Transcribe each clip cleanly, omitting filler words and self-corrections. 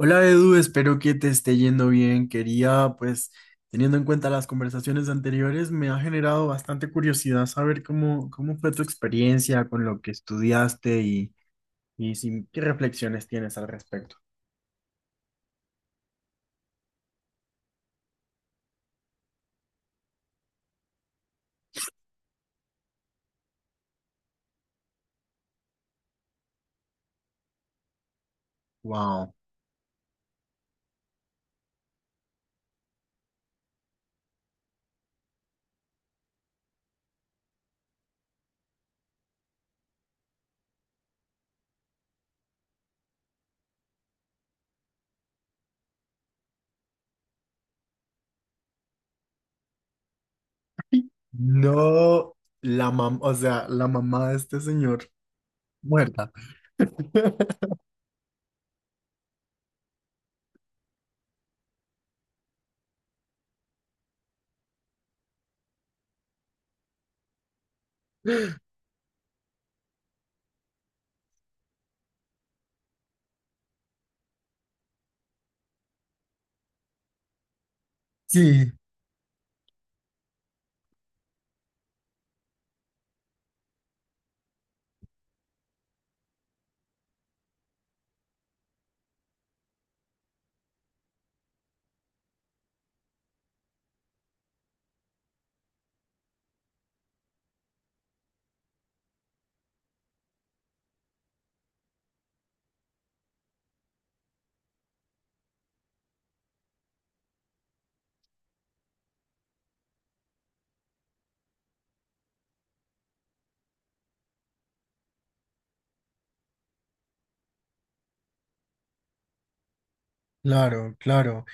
Hola Edu, espero que te esté yendo bien. Quería, pues, teniendo en cuenta las conversaciones anteriores, me ha generado bastante curiosidad saber cómo fue tu experiencia con lo que estudiaste y qué reflexiones tienes al respecto. Wow. No, la mam, o sea, la mamá de este señor muerta. Sí. Claro, claro.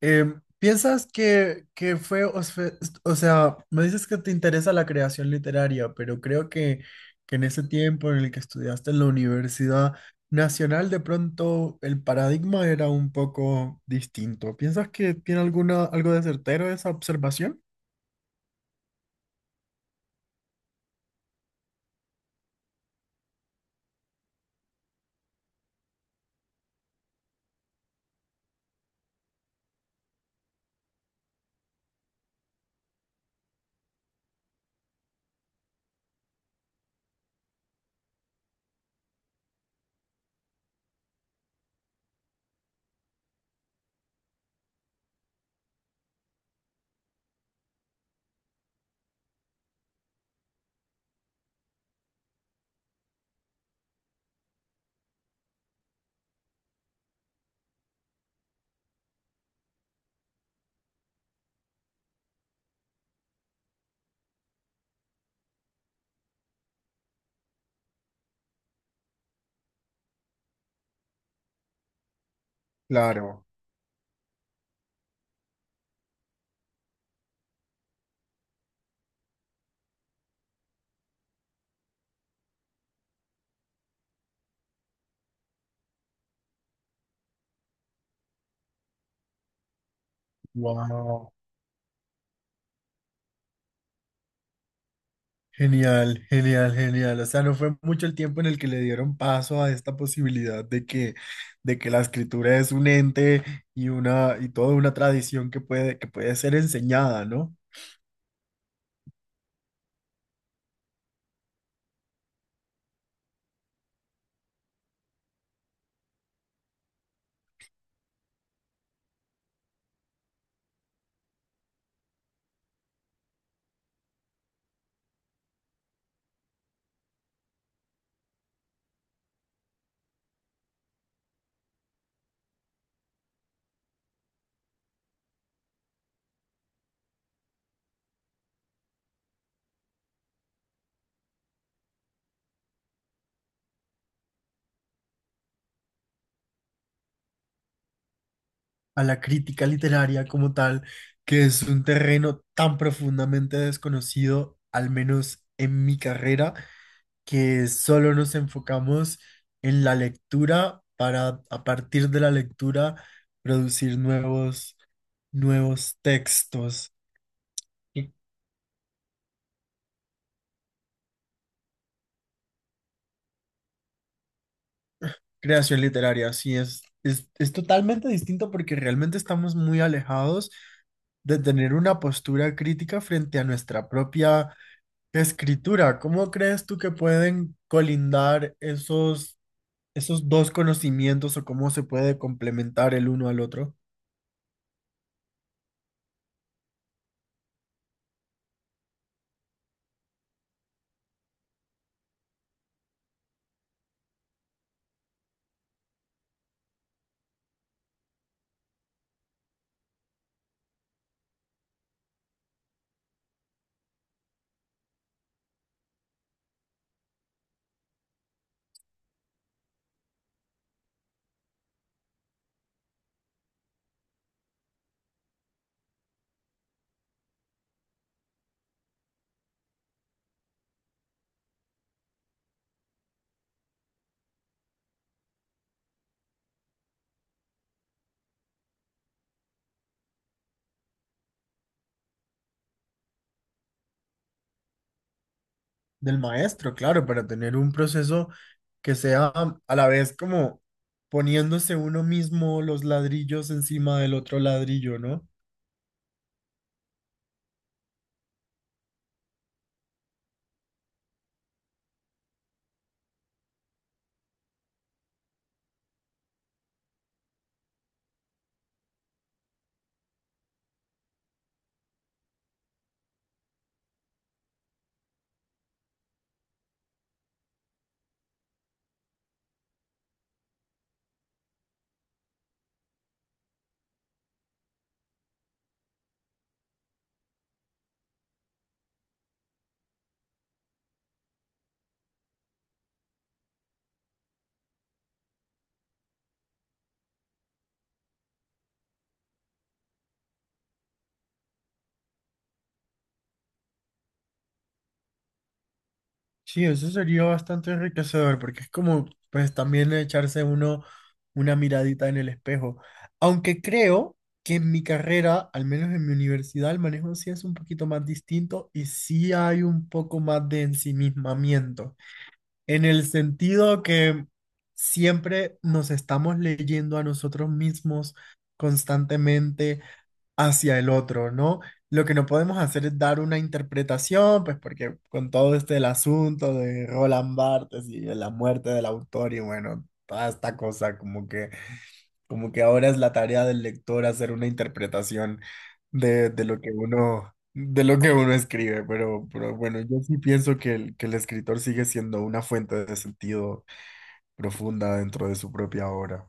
¿Piensas que o sea, me dices que te interesa la creación literaria, pero creo que en ese tiempo en el que estudiaste en la Universidad Nacional, de pronto el paradigma era un poco distinto. ¿Piensas que tiene alguna, algo de certero esa observación? Claro. Wow. Genial, genial, genial. O sea, no fue mucho el tiempo en el que le dieron paso a esta posibilidad de que la escritura es un ente y toda una tradición que puede ser enseñada, ¿no? A la crítica literaria como tal, que es un terreno tan profundamente desconocido, al menos en mi carrera, que solo nos enfocamos en la lectura para, a partir de la lectura, producir nuevos textos. Y creación literaria, sí, es totalmente distinto porque realmente estamos muy alejados de tener una postura crítica frente a nuestra propia escritura. ¿Cómo crees tú que pueden colindar esos dos conocimientos o cómo se puede complementar el uno al otro? Del maestro, claro, para tener un proceso que sea a la vez como poniéndose uno mismo los ladrillos encima del otro ladrillo, ¿no? Sí, eso sería bastante enriquecedor porque es como, pues también echarse uno una miradita en el espejo. Aunque creo que en mi carrera, al menos en mi universidad, el manejo sí es un poquito más distinto y sí hay un poco más de ensimismamiento, en el sentido que siempre nos estamos leyendo a nosotros mismos constantemente, hacia el otro, ¿no? Lo que no podemos hacer es dar una interpretación, pues porque con todo este el asunto de Roland Barthes y de la muerte del autor y bueno, toda esta cosa como que ahora es la tarea del lector hacer una interpretación de lo que uno de lo que uno escribe, pero bueno, yo sí pienso que el escritor sigue siendo una fuente de sentido profunda dentro de su propia obra.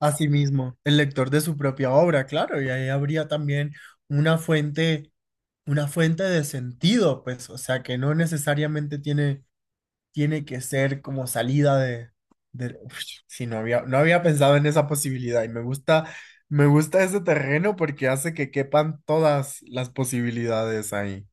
Asimismo, el lector de su propia obra, claro, y ahí habría también una fuente, una fuente de sentido, pues, o sea, que no necesariamente tiene que ser como salida de- Uf, sí, no había pensado en esa posibilidad y me gusta ese terreno porque hace que quepan todas las posibilidades ahí.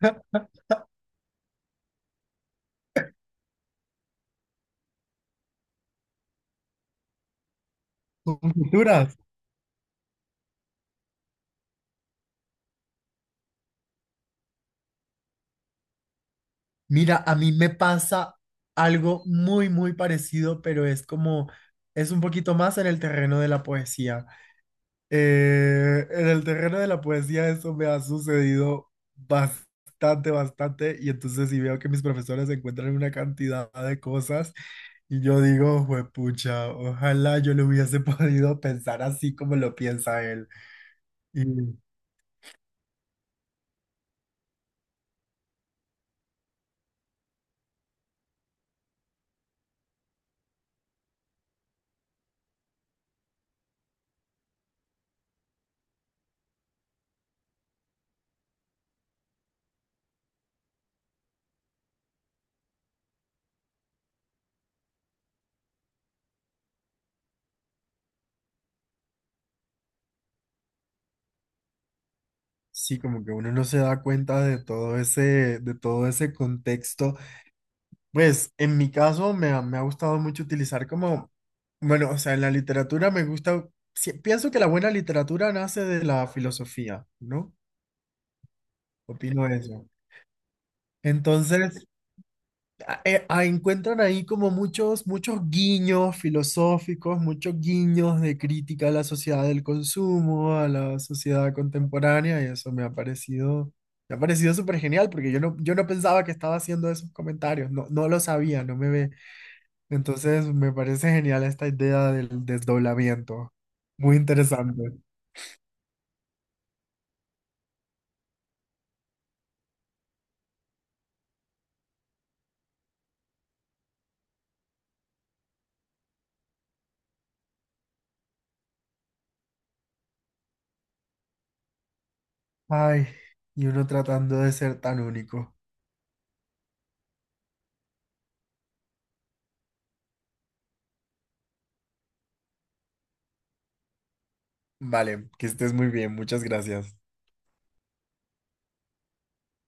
Futuras. Mira, a mí me pasa algo muy parecido, pero es como, es un poquito más en el terreno de la poesía. En el terreno de la poesía eso me ha sucedido bastante, y entonces si veo que mis profesores encuentran una cantidad de cosas y yo digo, juepucha, ojalá yo le hubiese podido pensar así como lo piensa él. Y sí, como que uno no se da cuenta de todo de todo ese contexto. Pues en mi caso me ha gustado mucho utilizar como bueno, o sea, en la literatura me gusta, sí, pienso que la buena literatura nace de la filosofía, ¿no? Opino eso. Entonces, encuentran ahí como muchos guiños filosóficos, muchos guiños de crítica a la sociedad del consumo, a la sociedad contemporánea, y eso me ha parecido súper genial, porque yo no pensaba que estaba haciendo esos comentarios, no lo sabía, no me ve. Entonces, me parece genial esta idea del desdoblamiento. Muy interesante. Ay, y uno tratando de ser tan único. Vale, que estés muy bien, muchas gracias.